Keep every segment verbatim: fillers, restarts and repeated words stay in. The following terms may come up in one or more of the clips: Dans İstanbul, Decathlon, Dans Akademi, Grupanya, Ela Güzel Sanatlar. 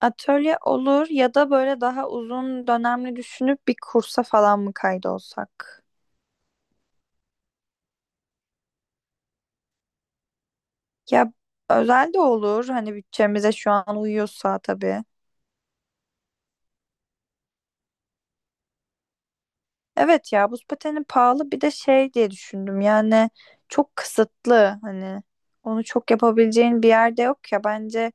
Atölye olur ya da böyle daha uzun dönemli düşünüp bir kursa falan mı kaydolsak? Ya özel de olur hani bütçemize şu an uyuyorsa tabii. Evet ya buz pateni pahalı bir de şey diye düşündüm yani çok kısıtlı hani onu çok yapabileceğin bir yerde yok ya bence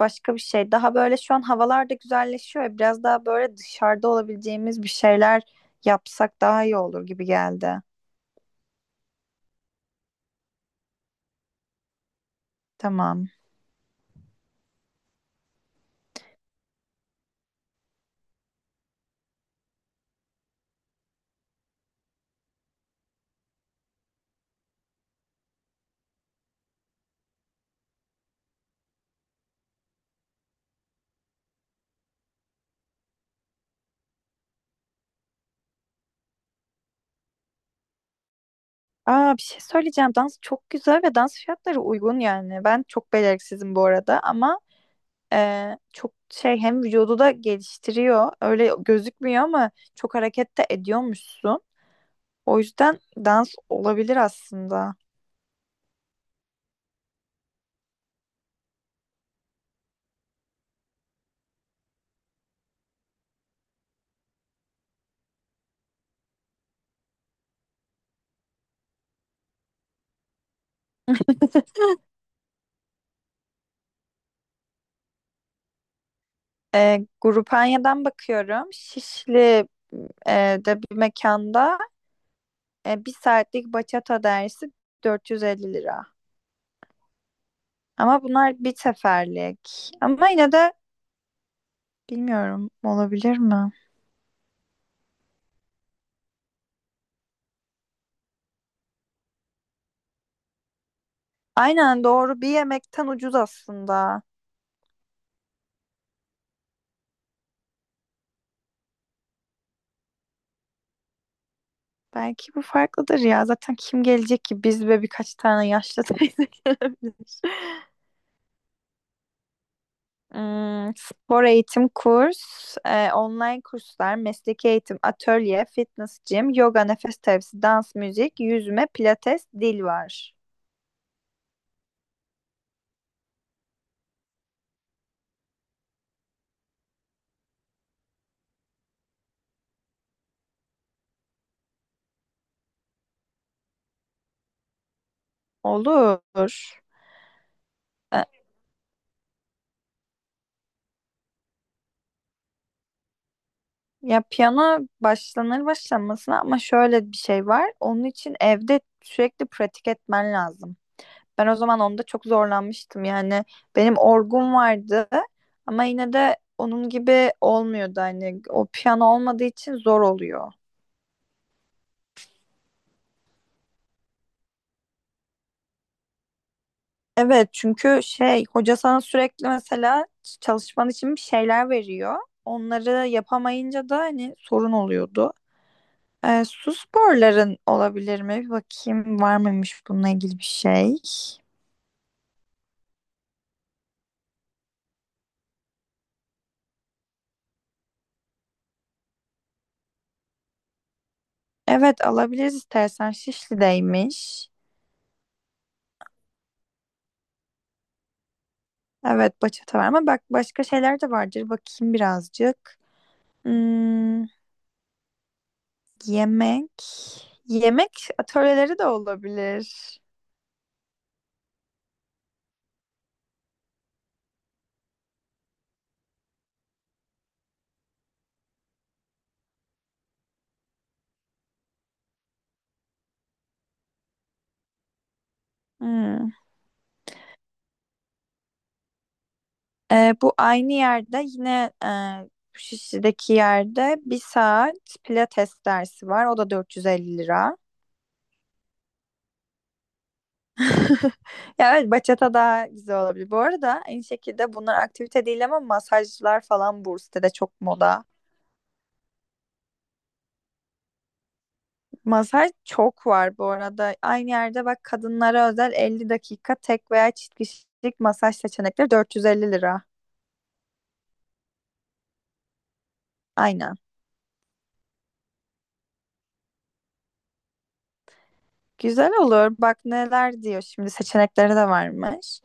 başka bir şey. Daha böyle şu an havalar da güzelleşiyor ya biraz daha böyle dışarıda olabileceğimiz bir şeyler yapsak daha iyi olur gibi geldi. Tamam. Aa, bir şey söyleyeceğim. Dans çok güzel ve dans fiyatları uygun yani. Ben çok beceriksizim bu arada ama e, çok şey hem vücudu da geliştiriyor. Öyle gözükmüyor ama çok hareket de ediyormuşsun. O yüzden dans olabilir aslında. E, Grupanya'dan bakıyorum. Şişli e, de bir mekanda E, bir saatlik bachata dersi dört yüz elli lira. Ama bunlar bir seferlik. Ama yine de bilmiyorum olabilir mi? Aynen doğru bir yemekten ucuz aslında. Belki bu farklıdır ya. Zaten kim gelecek ki? Biz ve birkaç tane yaşlı teyze gelebilir. Hmm, spor eğitim kurs, e, online kurslar, mesleki eğitim, atölye, fitness gym, yoga, nefes terapisi, dans, müzik, yüzme, pilates, dil var. Olur. Ee, Ya piyano başlanır başlanmasına ama şöyle bir şey var. Onun için evde sürekli pratik etmen lazım. Ben o zaman onda çok zorlanmıştım. Yani benim orgum vardı ama yine de onun gibi olmuyordu. Hani o piyano olmadığı için zor oluyor. Evet çünkü şey hoca sana sürekli mesela çalışman için bir şeyler veriyor. Onları yapamayınca da hani sorun oluyordu. Ee, su sporların olabilir mi? Bir bakayım var mıymış bununla ilgili bir şey. Evet alabiliriz istersen. Şişli'deymiş. Evet bachata var ama bak başka şeyler de vardır. Bakayım birazcık. Hmm, yemek. Yemek Atölyeleri de olabilir. Hmm. Ee, bu aynı yerde yine e, Şişli'deki yerde bir saat pilates dersi var. O da dört yüz elli lira. Ya evet bachata daha güzel olabilir. Bu arada aynı şekilde bunlar aktivite değil ama masajlar falan bu sitede çok moda. Masaj çok var bu arada. Aynı yerde bak kadınlara özel elli dakika tek veya çift kişilik masaj seçenekleri dört yüz elli lira. Aynen. Güzel olur. Bak neler diyor şimdi seçenekleri de varmış.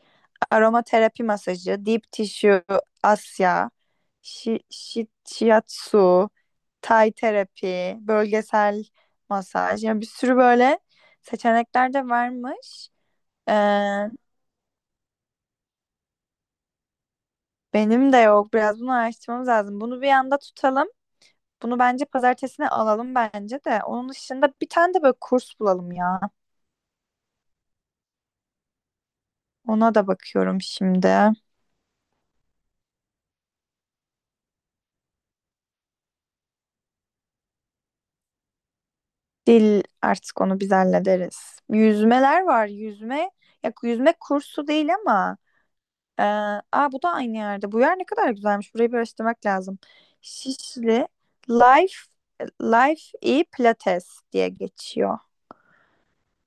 Aromaterapi masajı, deep tissue, Asya, şi, şi- shiatsu, Thai terapi, bölgesel masaj. Yani bir sürü böyle seçenekler de varmış. Ee, Benim de yok. Biraz bunu araştırmamız lazım. Bunu bir anda tutalım. Bunu bence pazartesine alalım bence de. Onun dışında bir tane de böyle kurs bulalım ya. Ona da bakıyorum şimdi. Dil artık onu biz hallederiz. Yüzmeler var. Yüzme ya yüzme kursu değil ama e, aa bu da aynı yerde. Bu yer ne kadar güzelmiş. Burayı bir araştırmak lazım. Şişli Life Life e Pilates diye geçiyor.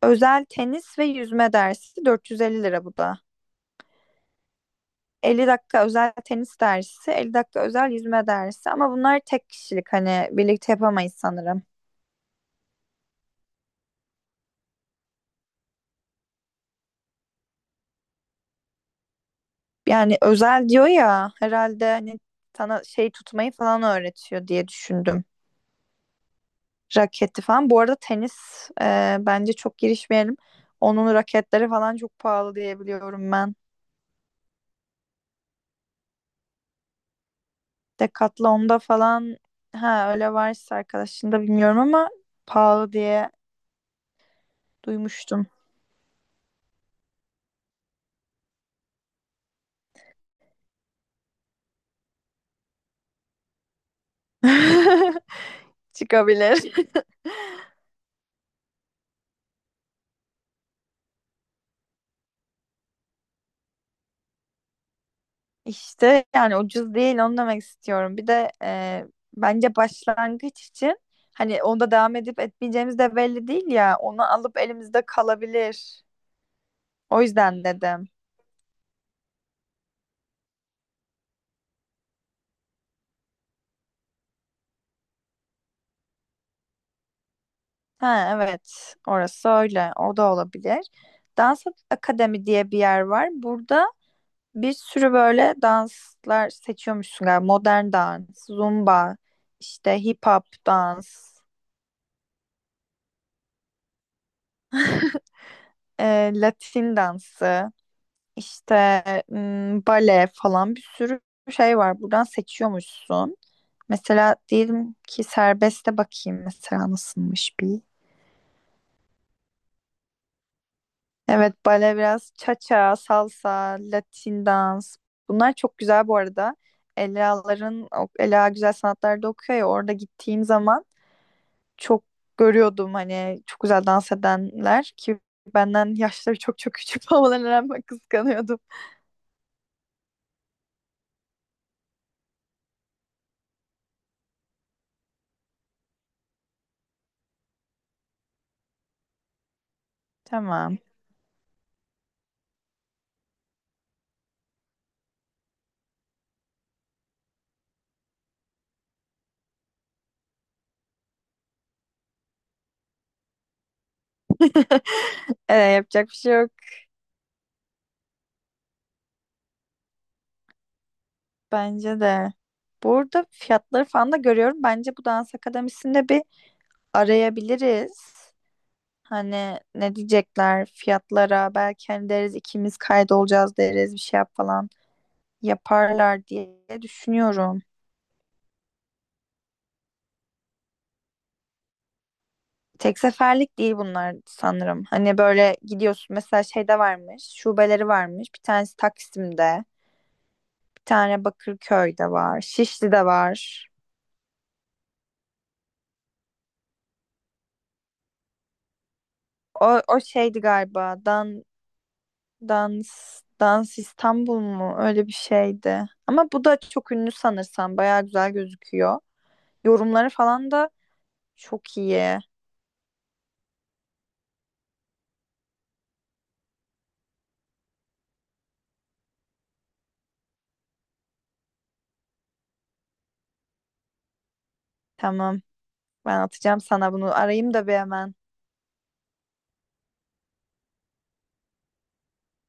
Özel tenis ve yüzme dersi dört yüz elli lira bu da. elli dakika özel tenis dersi, elli dakika özel yüzme dersi ama bunlar tek kişilik hani birlikte yapamayız sanırım. Yani özel diyor ya herhalde hani sana şey tutmayı falan öğretiyor diye düşündüm. Raketi falan. Bu arada tenis e, bence çok girişmeyelim. Onun raketleri falan çok pahalı diye biliyorum ben. Decathlon'da falan ha öyle varsa arkadaşında bilmiyorum ama pahalı diye duymuştum. Çıkabilir. İşte yani ucuz değil onu demek istiyorum. Bir de e, bence başlangıç için hani onda devam edip etmeyeceğimiz de belli değil ya. Onu alıp elimizde kalabilir. O yüzden dedim. Ha evet orası öyle o da olabilir. Dans Akademi diye bir yer var. Burada bir sürü böyle danslar seçiyormuşsun galiba. Modern dans, zumba, işte hip hop dans, e, Latin dansı. İşte m, bale falan bir sürü şey var. Buradan seçiyormuşsun. Mesela diyelim ki serbeste bakayım mesela nasılmış bir. Evet bale biraz cha-cha, salsa, Latin dans. Bunlar çok güzel bu arada. Ela'ların, o- Ela Güzel Sanatlar'da okuyor ya orada gittiğim zaman çok görüyordum hani çok güzel dans edenler ki benden yaşları çok çok küçük olmalarına rağmen kıskanıyordum. Tamam. Ee, yapacak bir şey yok. Bence de. Burada fiyatları falan da görüyorum. Bence bu dans akademisinde bir arayabiliriz. Hani ne diyecekler fiyatlara belki hani deriz ikimiz kaydolacağız deriz bir şey yap falan yaparlar diye düşünüyorum. Tek seferlik değil bunlar sanırım. Hani böyle gidiyorsun mesela şeyde varmış, şubeleri varmış. Bir tanesi Taksim'de, bir tane Bakırköy'de var, Şişli'de var. O, o şeydi galiba. Dan Dans, Dans İstanbul mu? Öyle bir şeydi. Ama bu da çok ünlü sanırsam. Bayağı güzel gözüküyor. Yorumları falan da çok iyi. Tamam. Ben atacağım sana bunu. Arayayım da bir hemen.